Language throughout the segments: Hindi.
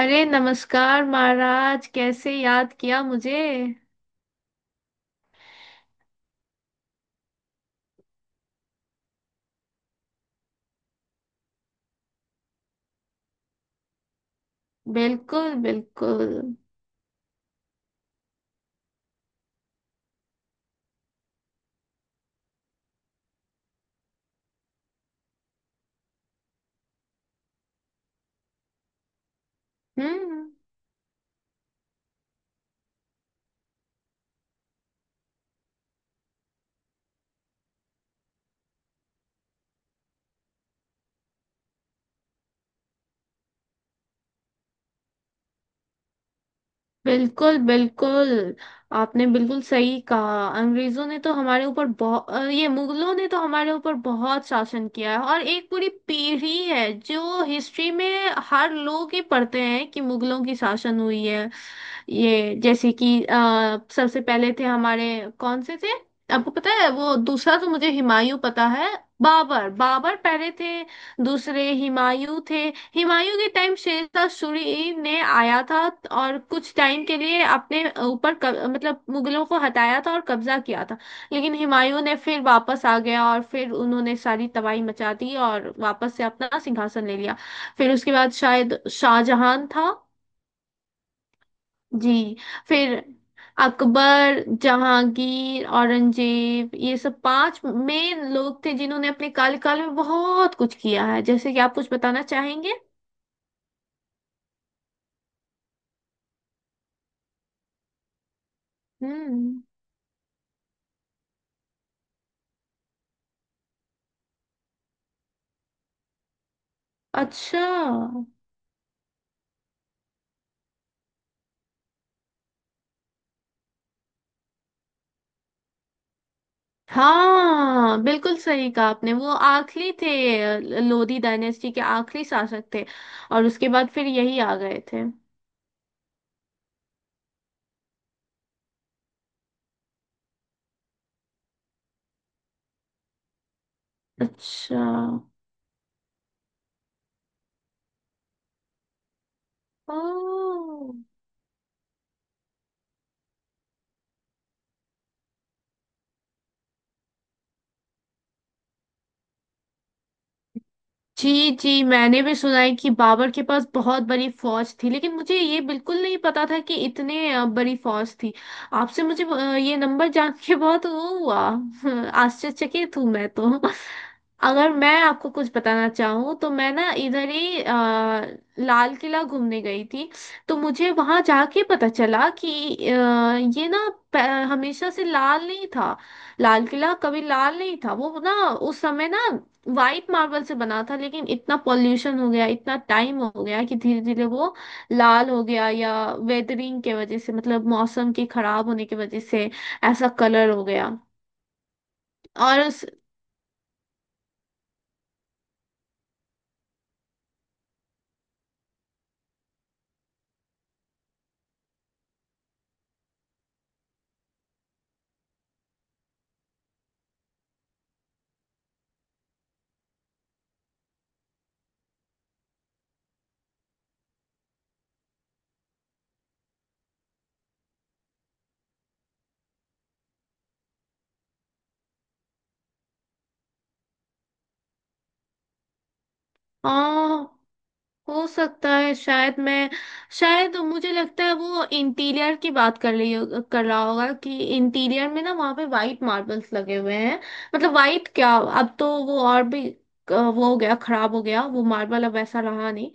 अरे, नमस्कार महाराज, कैसे याद किया मुझे? बिल्कुल, बिल्कुल। हम्म। बिल्कुल, बिल्कुल। आपने बिल्कुल सही कहा, अंग्रेजों ने तो हमारे ऊपर बहुत ये, मुगलों ने तो हमारे ऊपर बहुत शासन किया है। और एक पूरी पीढ़ी है जो हिस्ट्री में हर लोग ही पढ़ते हैं कि मुगलों की शासन हुई है। ये जैसे कि सबसे पहले थे हमारे, कौन से थे? आपको पता है? वो दूसरा तो मुझे हुमायूं पता है। बाबर, बाबर पहले थे। दूसरे हुमायूं थे। हुमायूं के टाइम शेरशाह सूरी ने आया था और कुछ टाइम के लिए अपने ऊपर मतलब मुगलों को हटाया था और कब्जा किया था। लेकिन हुमायूं ने फिर वापस आ गया और फिर उन्होंने सारी तबाही मचा दी और वापस से अपना सिंहासन ले लिया। फिर उसके बाद शायद शाहजहां था। जी। फिर अकबर, जहांगीर, औरंगजेब ये सब पांच मेन लोग थे जिन्होंने अपने कार्यकाल में बहुत कुछ किया है। जैसे कि आप कुछ बताना चाहेंगे? हम्म। अच्छा। हाँ, बिल्कुल सही कहा आपने, वो आखिरी थे। लोधी डायनेस्टी के आखिरी शासक थे और उसके बाद फिर यही आ गए थे। अच्छा। ओ। जी, जी, मैंने भी सुना है कि बाबर के पास बहुत बड़ी फौज थी, लेकिन मुझे ये बिल्कुल नहीं पता था कि इतने बड़ी फौज थी। आपसे मुझे ये नंबर जान के बहुत वो हुआ। आश्चर्यचकित हूँ मैं तो। अगर मैं आपको कुछ बताना चाहूँ तो मैं ना इधर ही लाल किला घूमने गई थी, तो मुझे वहां जाके पता चला कि अ, ये ना प- हमेशा से लाल नहीं था। लाल किला कभी लाल नहीं था, वो ना उस समय ना वाइट मार्बल से बना था, लेकिन इतना पॉल्यूशन हो गया, इतना टाइम हो गया कि धीरे धीरे वो लाल हो गया, या वेदरिंग के वजह से, मतलब मौसम के खराब होने की वजह से ऐसा कलर हो गया। और उस हाँ। हो सकता है। शायद मुझे लगता है वो इंटीरियर की बात कर रहा होगा कि इंटीरियर में ना वहाँ पे वाइट मार्बल्स लगे हुए हैं। मतलब वाइट क्या, अब तो वो और भी वो हो गया, खराब हो गया वो मार्बल, अब ऐसा रहा नहीं।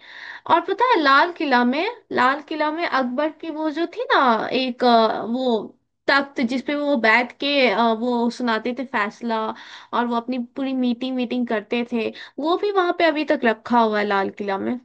और पता है लाल किला में, लाल किला में अकबर की वो जो थी ना, एक वो तख्त जिसपे वो बैठ के वो सुनाते थे फैसला और वो अपनी पूरी मीटिंग मीटिंग करते थे, वो भी वहां पे अभी तक रखा हुआ है लाल किला में।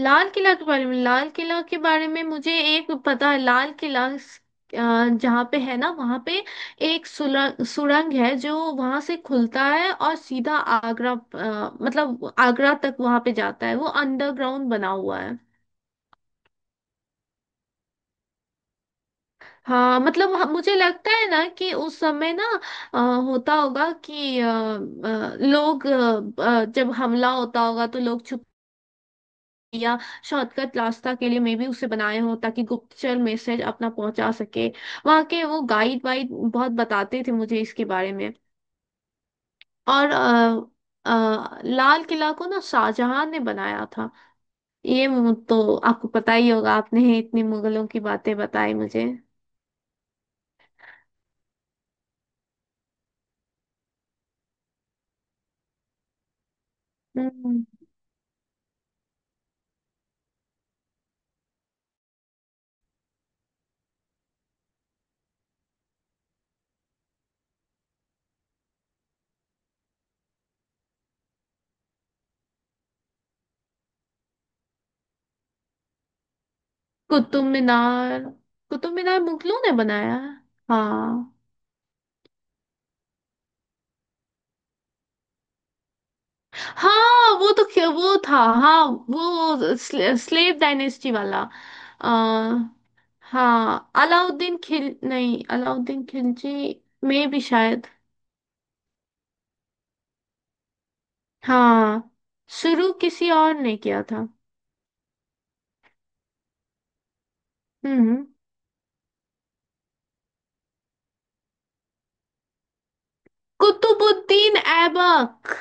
लाल किला के बारे में लाल किला के बारे में मुझे एक पता है। लाल किला अ, जहाँ पे है ना वहाँ पे एक सुरंग सुरंग है जो वहाँ से खुलता है और सीधा आगरा, मतलब आगरा तक वहाँ पे जाता है, वो अंडरग्राउंड बना हुआ है। हाँ, मतलब मुझे लगता है ना कि उस समय ना अ, होता होगा कि लोग जब हमला होता होगा तो लोग या शॉर्टकट रास्ता के लिए मे भी उसे बनाए हो ताकि गुप्तचर मैसेज अपना पहुंचा सके। वहाँ के वो गाइड वाइड बहुत बताते थे मुझे इसके बारे में। और लाल किला को ना शाहजहां ने बनाया था। ये तो आपको पता ही होगा, आपने इतनी मुगलों की बातें बताई मुझे। हम्म। कुतुब मीनार। कुतुब मीनार मुगलों ने बनाया है। हाँ। हाँ, वो तो वो था। हाँ, वो स्लेव डायनेस्टी वाला। आ, हाँ, अलाउद्दीन खिल नहीं, अलाउद्दीन खिलजी में भी शायद। हाँ, शुरू किसी और ने किया था। हम्म। कुतुबुद्दीन ऐबक।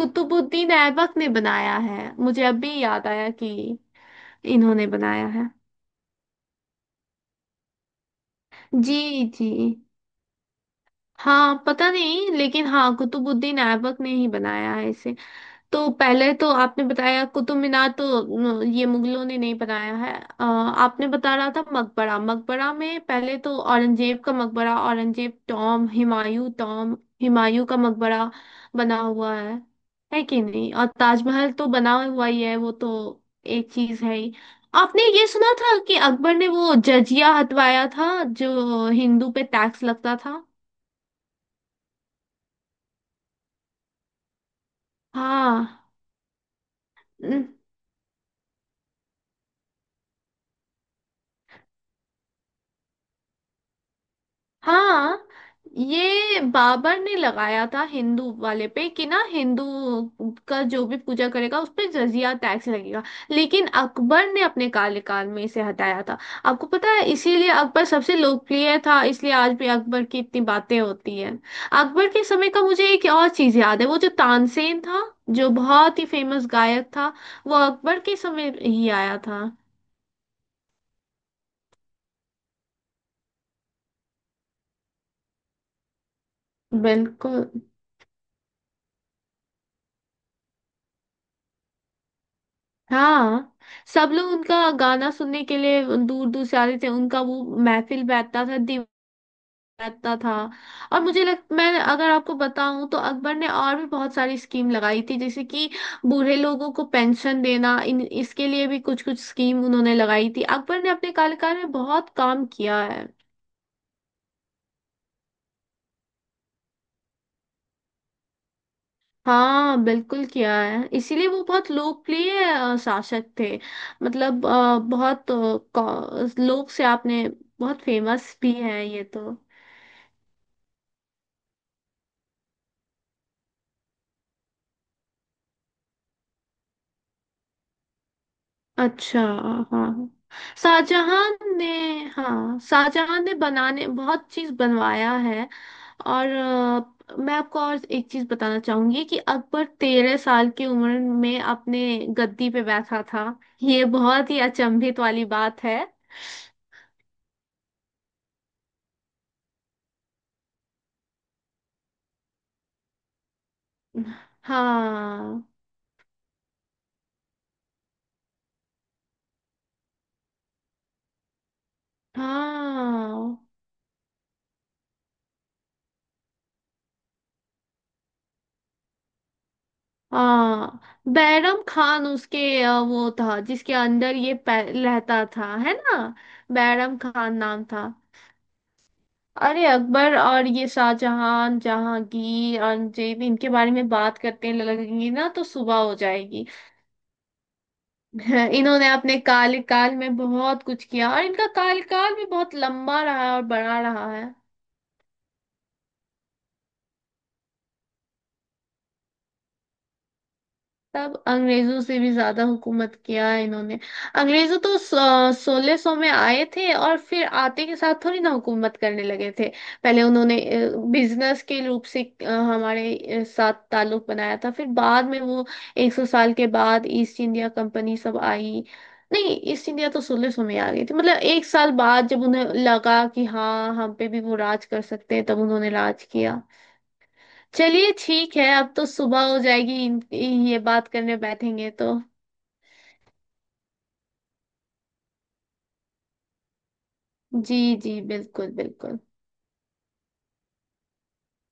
कुतुबुद्दीन ऐबक ने बनाया है, मुझे अभी याद आया कि इन्होंने बनाया है। जी, जी। हाँ, पता नहीं, लेकिन हाँ, कुतुबुद्दीन ऐबक ने ही बनाया है इसे। तो पहले तो आपने बताया कुतुब मीनार तो न, ये मुगलों ने नहीं बनाया है। आपने बता रहा था मकबरा। मकबरा में पहले तो औरंगजेब का मकबरा, औरंगजेब टॉम, हुमायूं टॉम, हुमायूं का मकबरा बना हुआ है कि नहीं? और ताजमहल तो बना हुआ ही है, वो तो एक चीज है ही। आपने ये सुना था कि अकबर ने वो जजिया हटवाया था जो हिंदू पे टैक्स लगता था? हाँ। हाँ, ये बाबर ने लगाया था हिंदू वाले पे कि ना हिंदू का जो भी पूजा करेगा उस पे जजिया टैक्स लगेगा, लेकिन अकबर ने अपने कार्यकाल में इसे हटाया था। आपको पता है इसीलिए अकबर सबसे लोकप्रिय था, इसलिए आज भी अकबर की इतनी बातें होती हैं। अकबर के समय का मुझे एक और चीज याद है, वो जो तानसेन था जो बहुत ही फेमस गायक था, वो अकबर के समय ही आया था। बिल्कुल। हाँ। सब लोग उनका गाना सुनने के लिए दूर दूर से आते थे, उनका वो महफिल बैठता था, दीवार बैठता था। और मुझे लग, मैं अगर आपको बताऊं तो अकबर ने और भी बहुत सारी स्कीम लगाई थी, जैसे कि बूढ़े लोगों को पेंशन देना, इन इसके लिए भी कुछ कुछ स्कीम उन्होंने लगाई थी। अकबर ने अपने कार्यकाल में बहुत काम किया है। हाँ, बिल्कुल किया है, इसीलिए वो बहुत लोकप्रिय शासक थे। मतलब बहुत लोक से आपने बहुत फेमस भी है ये तो। अच्छा। हाँ, शाहजहां ने, हाँ शाहजहां ने बनाने बहुत चीज बनवाया है। और मैं आपको और एक चीज बताना चाहूंगी कि अकबर 13 साल की उम्र में अपने गद्दी पे बैठा था। ये बहुत ही अचंभित वाली बात है। हाँ, हाँ, हाँ, बैरम खान उसके वो था जिसके अंदर ये रहता था, है ना? बैरम खान नाम था। अरे, अकबर और ये शाहजहां जहांगीर अंजीब इनके बारे में बात करते लगेंगी ना तो सुबह हो जाएगी। हाँ, इन्होंने अपने काल काल में बहुत कुछ किया और इनका काल काल भी बहुत लंबा रहा है और बड़ा रहा है। तब अंग्रेजों से भी ज्यादा हुकूमत किया है इन्होंने। अंग्रेजों तो 1600 में आए थे और फिर आते के साथ थोड़ी ना हुकूमत करने लगे थे। पहले उन्होंने बिजनेस के रूप से हमारे साथ ताल्लुक बनाया था, फिर बाद में वो 100 साल के बाद ईस्ट इंडिया कंपनी सब आई। नहीं, ईस्ट इंडिया तो 1600 में आ गई थी, मतलब एक साल बाद जब उन्हें लगा कि हाँ हम पे भी वो राज कर सकते हैं, तब उन्होंने राज किया। चलिए ठीक है, अब तो सुबह हो जाएगी ये बात करने बैठेंगे तो। जी, जी, बिल्कुल, बिल्कुल।